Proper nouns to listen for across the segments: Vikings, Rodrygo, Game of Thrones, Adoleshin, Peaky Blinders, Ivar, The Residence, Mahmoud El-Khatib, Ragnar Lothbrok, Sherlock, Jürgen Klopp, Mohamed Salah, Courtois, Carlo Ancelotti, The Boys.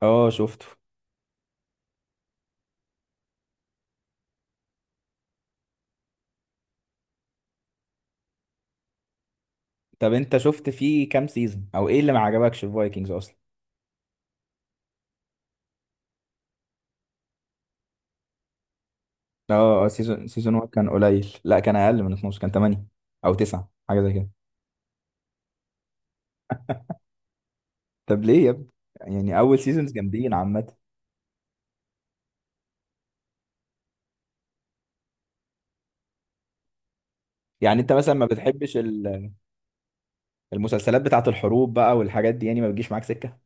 اه، شفته. طب انت شفت فيه كام سيزون او ايه اللي ما عجبكش في فايكنجز اصلا؟ اه، سيزون 1 كان قليل. لا، كان اقل من 12، كان 8 او 9، حاجه زي كده. طب ليه يا ابني؟ يعني اول سيزونز جامدين عامه. يعني انت مثلا ما بتحبش المسلسلات بتاعه الحروب بقى والحاجات دي، يعني ما بتجيش معاك سكه.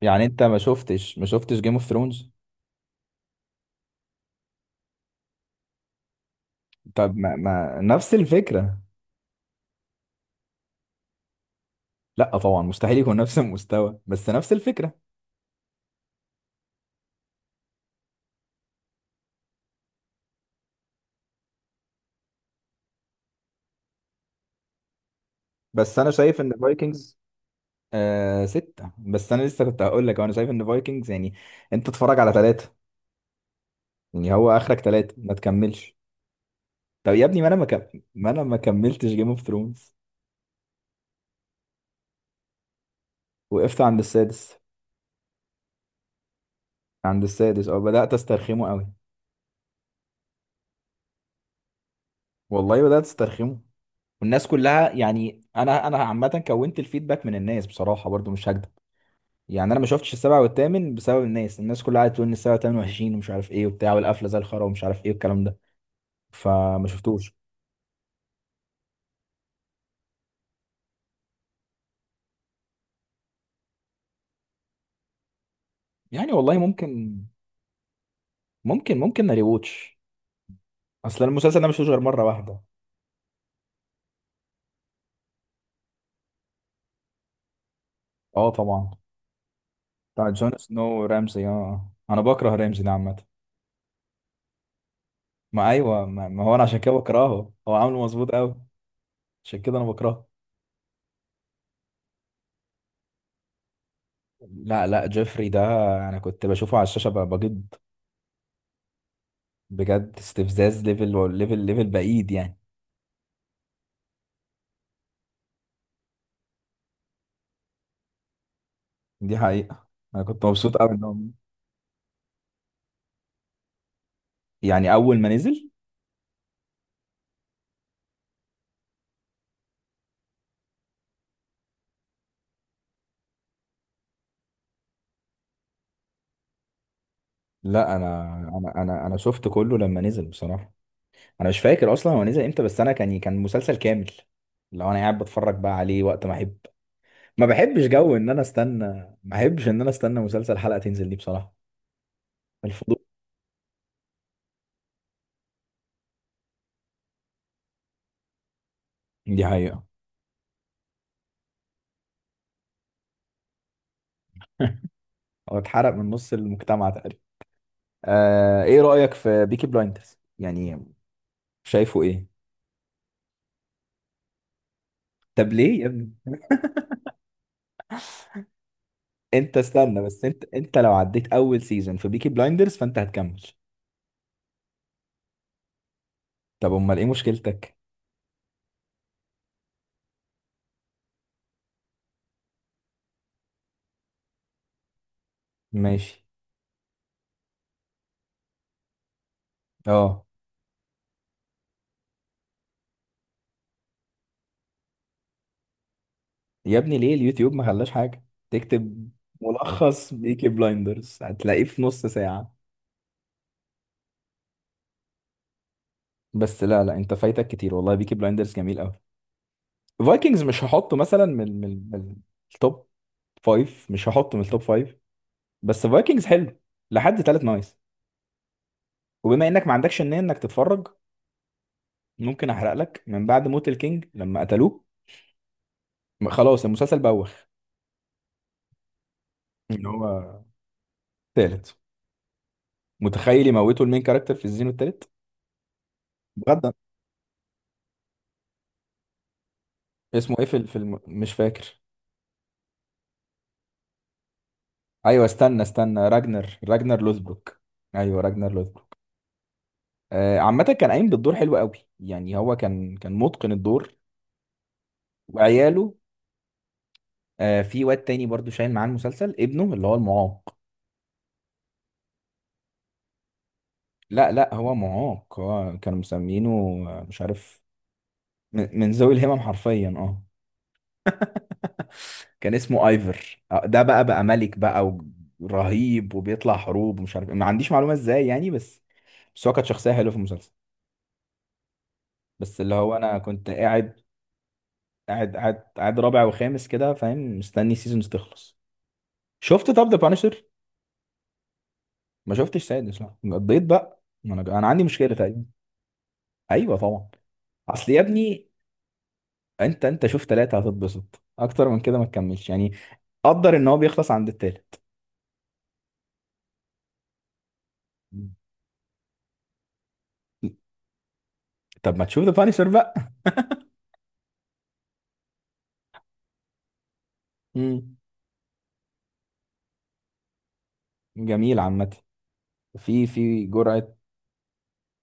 يعني انت ما شفتش جيم اوف ثرونز؟ طب ما نفس الفكره. لا طبعا، مستحيل يكون نفس المستوى، بس نفس الفكره. بس انا شايف ان فايكنجز آه ستة. بس أنا لسه كنت هقول لك، أنا شايف إن فايكنجز يعني أنت اتفرج على ثلاثة. يعني هو آخرك ثلاثة ما تكملش. طب يا ابني، ما أنا ما كملتش جيم اوف ثرونز. وقفت عند السادس. عند السادس. أو بدأت أسترخمه قوي. والله بدأت أسترخمه. والناس كلها يعني، أنا عامة كونت الفيدباك من الناس، بصراحة برضو مش هكدب. يعني أنا ما شفتش السابع والثامن بسبب الناس كلها قاعدة تقول إن السابع والثامن وحشين ومش عارف إيه وبتاع، والقفلة زي الخرا، ومش عارف إيه والكلام ده. فما شفتوش. يعني والله ممكن. ممكن ريوتش. اصل المسلسل ده مش غير مره واحده. اه طبعا. بتاع جون سنو رامزي، انا بكره رامزي ده عامه. ما ايوه، ما هو انا عشان كده بكرهه، هو عامله مظبوط قوي. عشان كده انا بكرهه. لا لا، جيفري ده انا كنت بشوفه على الشاشه بجد. بجد استفزاز، ليفل ليفل ليفل بعيد يعني. دي حقيقه. انا كنت مبسوط قوي انه. يعني اول ما نزل. لا انا شفت كله لما نزل بصراحه. انا مش فاكر اصلا هو نزل امتى، بس انا كان مسلسل كامل. لو انا قاعد بتفرج بقى عليه وقت ما احب. ما بحبش جو ان انا استنى، ما بحبش ان انا استنى مسلسل حلقة تنزل دي بصراحة. الفضول. دي حقيقة. هو اتحرق من نص المجتمع تقريبا. آه، ايه رأيك في بيكي بلايندرز يعني؟ شايفه ايه؟ طب ليه يا ابني؟ انت استنى بس، انت لو عديت اول سيزون في بيكي بلايندرز فانت هتكمل. طب امال ايه مشكلتك؟ ماشي. اه. يا ابني ليه اليوتيوب ما خلاش حاجة؟ تكتب ملخص بيكي بلايندرز هتلاقيه في نص ساعة. بس لا لا، انت فايتك كتير والله، بيكي بلايندرز جميل قوي. فايكنجز مش هحطه مثلا من التوب فايف، مش هحطه من التوب فايف. بس فايكنجز حلو لحد تالت، نايس. وبما انك ما عندكش النية انك تتفرج، ممكن احرق لك. من بعد موت الكينج لما قتلوه خلاص المسلسل بوخ. ان هو تالت. متخيل يموتوا المين كاركتر في الزينو التالت؟ بجد. اسمه ايه في ال- في الم... مش فاكر. ايوه استنى استنى، راجنر، راجنر لوثبروك. ايوه، راجنر لوثبروك. آه عامه، كان قايم بالدور حلو قوي، يعني هو كان متقن الدور. وعياله. آه في واد تاني برضو شايل معاه المسلسل، ابنه اللي هو المعاق. لا لا، هو معاق، هو كانوا مسمينه مش عارف. من ذوي الهمم حرفيا، اه. كان اسمه ايفر. ده بقى ملك بقى. ورهيب وبيطلع حروب ومش عارف إيه. ما عنديش معلومه ازاي يعني، بس هو كانت شخصيه حلوه في المسلسل. بس اللي هو انا كنت قاعد، قاعد رابع وخامس كده فاهم، مستني سيزونز تخلص. شفت طب ذا بانشر؟ ما شفتش سادس، لا قضيت بقى. ما انا عندي مشكله تقريبا. ايوه طبعا. اصل يا ابني، انت شوف ثلاثه هتتبسط اكتر من كده، ما تكملش يعني. قدر ان هو بيخلص عند الثالث. طب ما تشوف ذا بانشر بقى. امم. جميل عامه. في جرعه.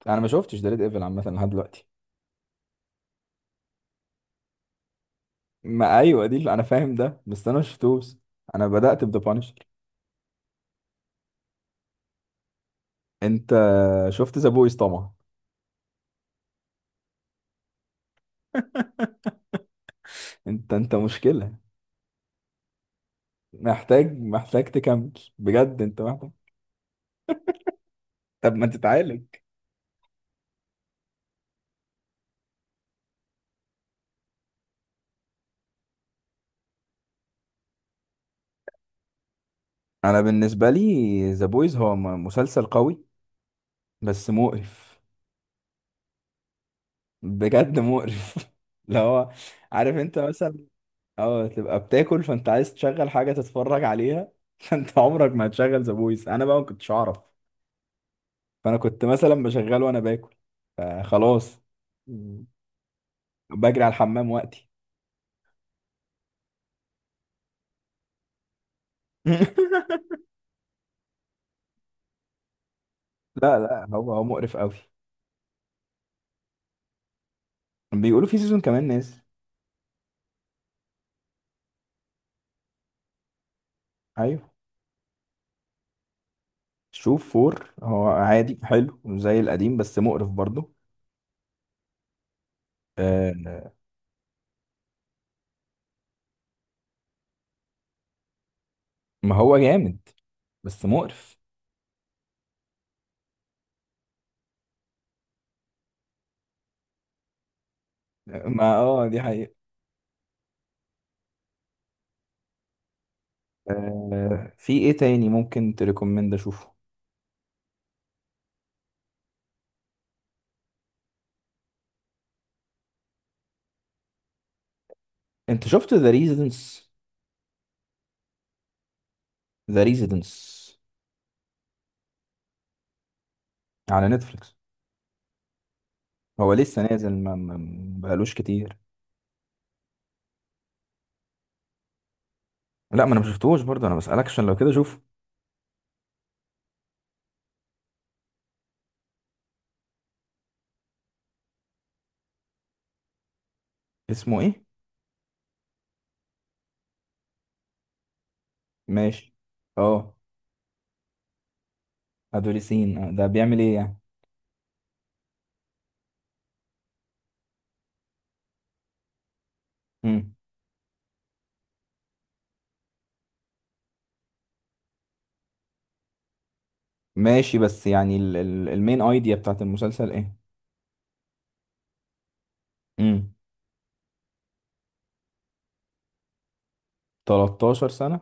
انا ما شفتش ديد ايفل عامه لحد دلوقتي. ما ايوه، دي اللي انا فاهم ده، بس انا ما شفتوش. انا بدات بذا بانشر. انت شفت ذا بويز طبعا. انت مشكلة. محتاج محتاج تكمل. بجد انت محتاج. طب ما تتعالج. انا بالنسبة لي ذا بويز هو مسلسل قوي. بس مقرف. بجد مقرف. اللي هو، عارف انت مثلا، اه تبقى بتاكل فانت عايز تشغل حاجة تتفرج عليها، فانت عمرك ما هتشغل ذا بويز. انا بقى ما كنتش اعرف، فانا كنت مثلا بشغله وانا باكل، فخلاص. مم. بجري على الحمام وقتي. لا لا، هو مقرف قوي. بيقولوا في سيزون كمان ناس. ايوه. شوف فور هو عادي حلو زي القديم بس مقرف برضه. آه. ما هو جامد. بس مقرف. ما اه، دي حقيقة. آه في ايه تاني ممكن تريكومند اشوفه؟ انت شفت ذا ريزيدنس؟ ذا ريزيدنس. على نتفليكس. هو لسه نازل، ما بقالوش كتير. لا، ما انا ما شفتهوش برضه، انا بسألك عشان لو كده شوف. اسمه ايه؟ ماشي. اه. ادوليسين. ده بيعمل ايه يعني؟ مم. ماشي، بس يعني المين ايديا بتاعت المسلسل ايه؟ امم. 13 سنة.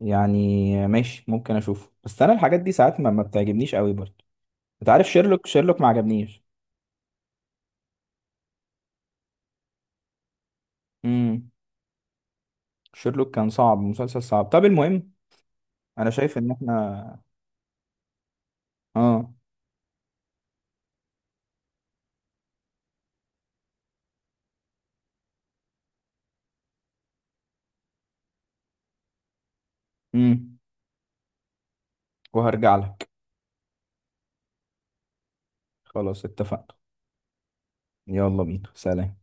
يعني ماشي، ممكن اشوفه، بس انا الحاجات دي ساعات ما بتعجبنيش قوي برضه. انت عارف شيرلوك؟ شيرلوك ما عجبنيش. امم. شيرلوك كان صعب، مسلسل صعب. طب المهم، انا شايف ان احنا. اه. امم وهرجع لك. خلاص اتفقنا. يلا بينا، سلام.